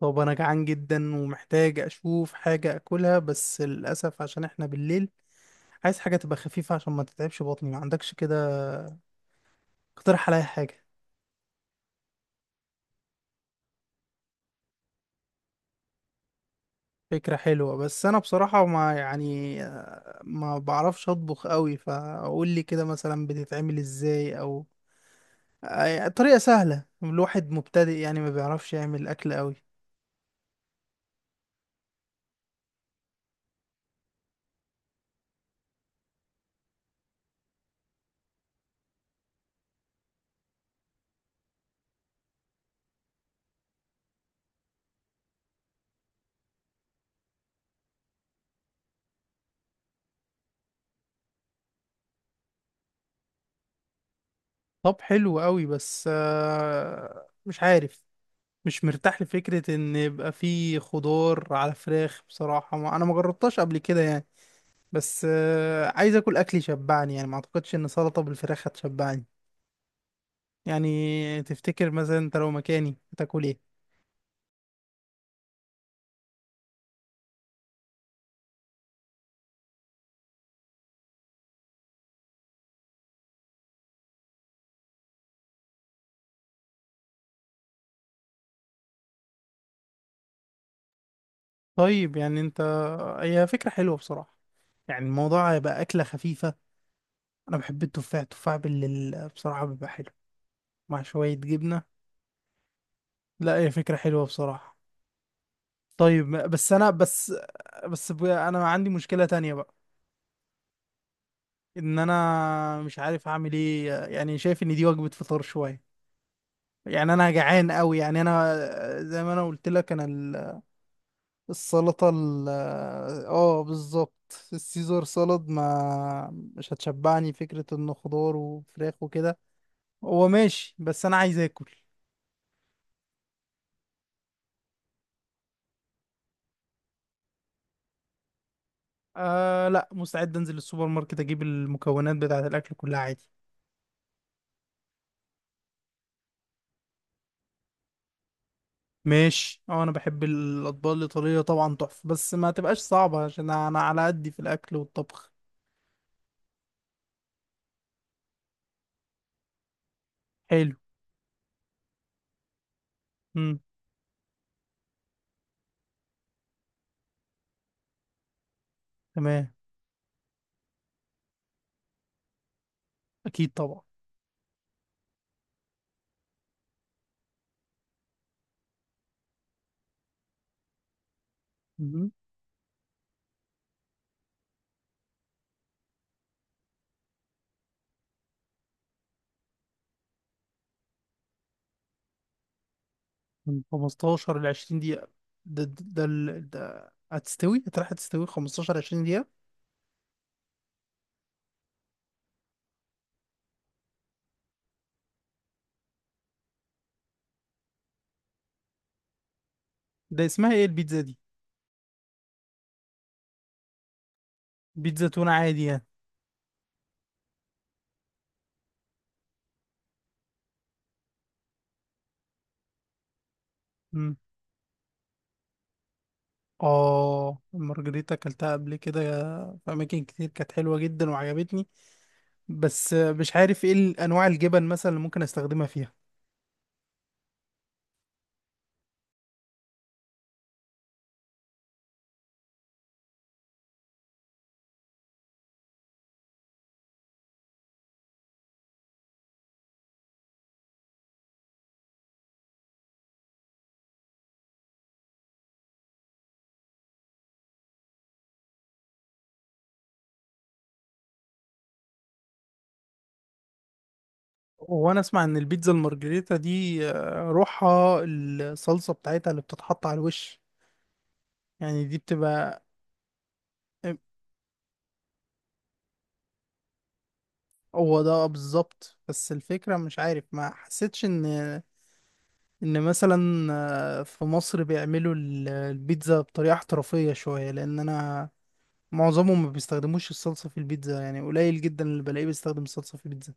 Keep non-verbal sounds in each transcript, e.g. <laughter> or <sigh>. طب انا جعان جدا ومحتاج اشوف حاجة اكلها، بس للاسف عشان احنا بالليل عايز حاجة تبقى خفيفة عشان ما تتعبش بطني. ما عندكش كده اقترح عليا حاجة؟ فكرة حلوة، بس انا بصراحة ما يعني ما بعرفش اطبخ قوي. فقول لي كده مثلا بتتعمل ازاي، او يعني طريقة سهلة. الواحد مبتدئ يعني ما بيعرفش يعمل اكل قوي. طب حلو قوي، بس مش عارف. مش مرتاح لفكرة ان يبقى فيه خضار على فراخ بصراحة، ما انا ما جربتهاش قبل كده يعني. بس عايز اكل اكل يشبعني، يعني ما اعتقدش ان سلطة بالفراخ هتشبعني. يعني تفتكر مثلا انت لو مكاني هتاكل ايه؟ طيب يعني انت، هي فكرة حلوة بصراحة. يعني الموضوع هيبقى اكلة خفيفة. انا بحب التفاح، التفاح بصراحة بيبقى حلو مع شوية جبنة. لا هي فكرة حلوة بصراحة. طيب، بس انا عندي مشكلة تانية بقى. ان انا مش عارف اعمل ايه، يعني شايف ان دي وجبة فطار شوية. يعني انا جعان قوي، يعني انا زي ما انا قلت لك انا السلطة اه بالظبط السيزر سالاد ما مش هتشبعني. فكرة انه خضار وفراخ وكده هو ماشي، بس انا عايز اكل. آه، لا مستعد انزل السوبر ماركت اجيب المكونات بتاعة الاكل كلها عادي. ماشي، اه انا بحب الاطباق الايطالية طبعا تحفة، بس ما تبقاش صعبة عشان انا على قدي في الاكل والطبخ. حلو. امم. تمام. اكيد طبعا. مم. من 15 ل 20 دقيقة. ده هتروح هتستوي 15 20 دقيقة. ده اسمها ايه البيتزا دي؟ بيتزا تونة عادي يعني؟ مم. اه، المارجريتا اكلتها قبل كده في اماكن كتير، كانت حلوة جدا وعجبتني. بس مش عارف ايه انواع الجبن مثلا اللي ممكن استخدمها فيها. وانا اسمع ان البيتزا المارجريتا دي روحها الصلصة بتاعتها اللي بتتحط على الوش. يعني دي بتبقى، هو ده بالظبط. بس الفكرة مش عارف، ما حسيتش ان مثلا في مصر بيعملوا البيتزا بطريقة احترافية شوية، لان انا معظمهم ما بيستخدموش الصلصة في البيتزا، يعني قليل جدا اللي بلاقيه بيستخدم الصلصة في البيتزا.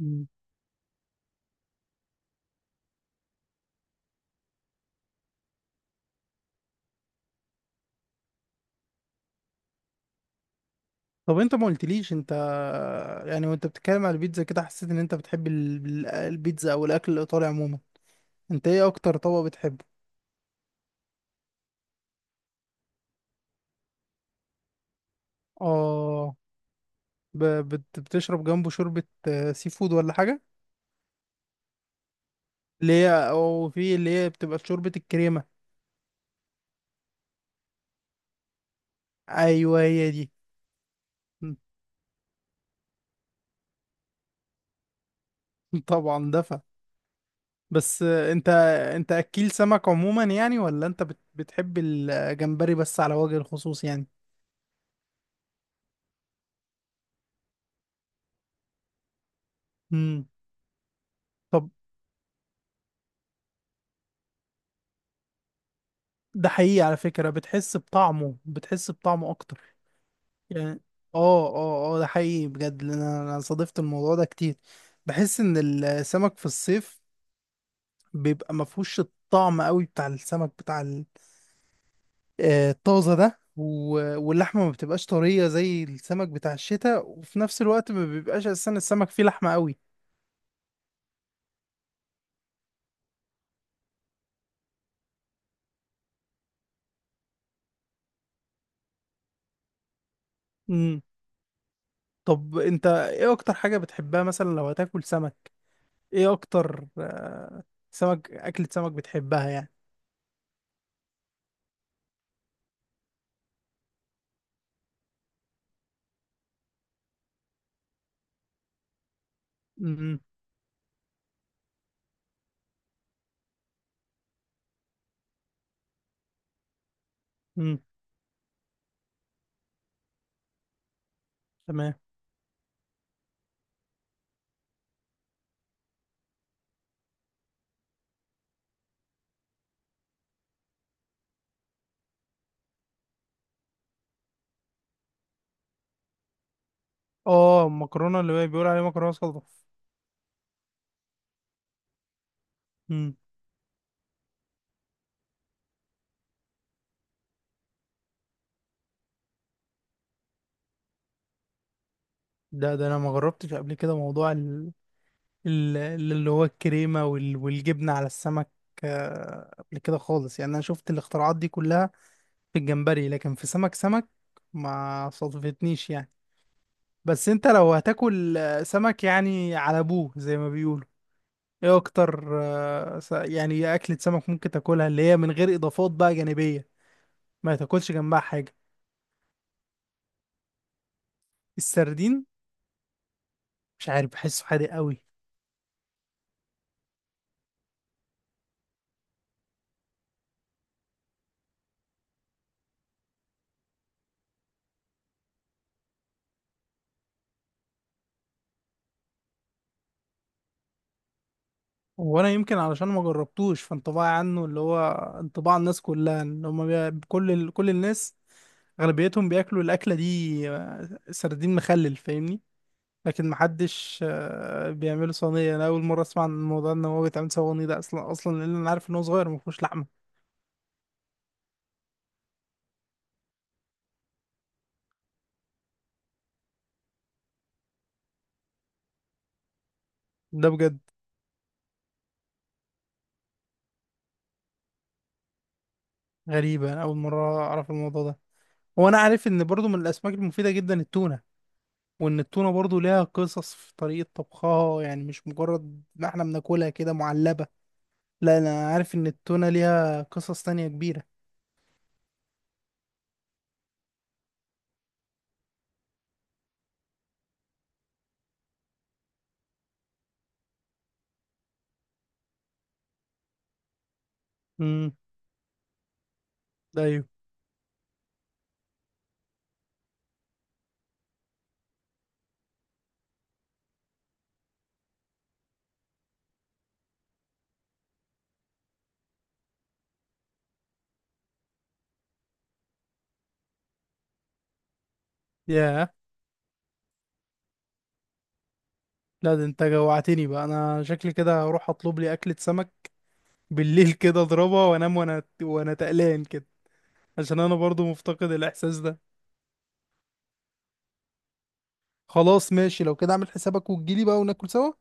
مم. طب انت ما قلتليش انت، يعني وانت بتتكلم على البيتزا كده حسيت ان انت بتحب البيتزا او الاكل الايطالي عموما. انت ايه اكتر طبق بتحبه؟ اه، ب- بتشرب جنبه شوربة سي فود ولا حاجة؟ اللي هي، وفي اللي هي بتبقى شوربة الكريمة. ايوه هي دي. <laughs> طبعا دفع. بس انت اكيل سمك عموما يعني، ولا انت بتحب الجمبري بس على وجه الخصوص يعني؟ امم. طب، ده حقيقي على فكرة، بتحس بطعمه اكتر يعني. اه، اه، اه، ده حقيقي بجد، لأن انا صادفت الموضوع ده كتير. بحس ان السمك في الصيف بيبقى مفهوش الطعم قوي بتاع السمك بتاع طازة ده، واللحمة ما بتبقاش طرية زي السمك بتاع الشتاء، وفي نفس الوقت ما بيبقاش أساسا السمك فيه لحمة قوي. امم. طب أنت إيه أكتر حاجة بتحبها مثلا لو هتاكل سمك؟ إيه أكتر أكلة سمك بتحبها يعني؟ امم، امم، تمام. آه، المكرونة اللي هي بيقول عليها مكرونة صلصة. امم. ده أنا ما جربتش قبل كده موضوع ال- اللي هو الكريمة والجبنة على السمك قبل كده خالص. يعني أنا شفت الاختراعات دي كلها في الجمبري لكن في سمك ما صادفتنيش يعني. بس انت لو هتاكل سمك يعني على ابوه زي ما بيقولوا، ايه اكتر يعني ايه اكلة سمك ممكن تاكلها اللي هي من غير اضافات بقى جانبية، ما تاكلش جنبها حاجة؟ السردين؟ مش عارف بحسه حادق قوي. وانا يمكن علشان ما جربتوش، فانطباعي عنه، اللي هو انطباع الناس كلها، ان هم كل الناس اغلبيتهم بياكلوا الاكلة دي سردين مخلل، فاهمني؟ لكن محدش بيعمله صينية. انا اول مرة اسمع عن الموضوع ان هو بيتعمل صواني ده اصلا اصلا، لان انا عارف ان هو صغير مفهوش لحمة. ده بجد؟ غريبة، انا اول مرة اعرف الموضوع ده. وانا عارف ان برضو من الاسماك المفيدة جدا التونة، وان التونة برضو ليها قصص في طريقة طبخها يعني، مش مجرد ما احنا بناكلها كده معلبة. لا انا عارف ان التونة ليها قصص تانية كبيرة. امم. ايوه. ياه. لا، ده انت جوعتني بقى، انا شكلي كده هروح اطلب لي اكلة سمك بالليل كده اضربها وانام، وانا تقلان كده، عشان انا برضو مفتقد الاحساس ده. خلاص ماشي، لو كده اعمل حسابك وتجيلي بقى وناكل سوا.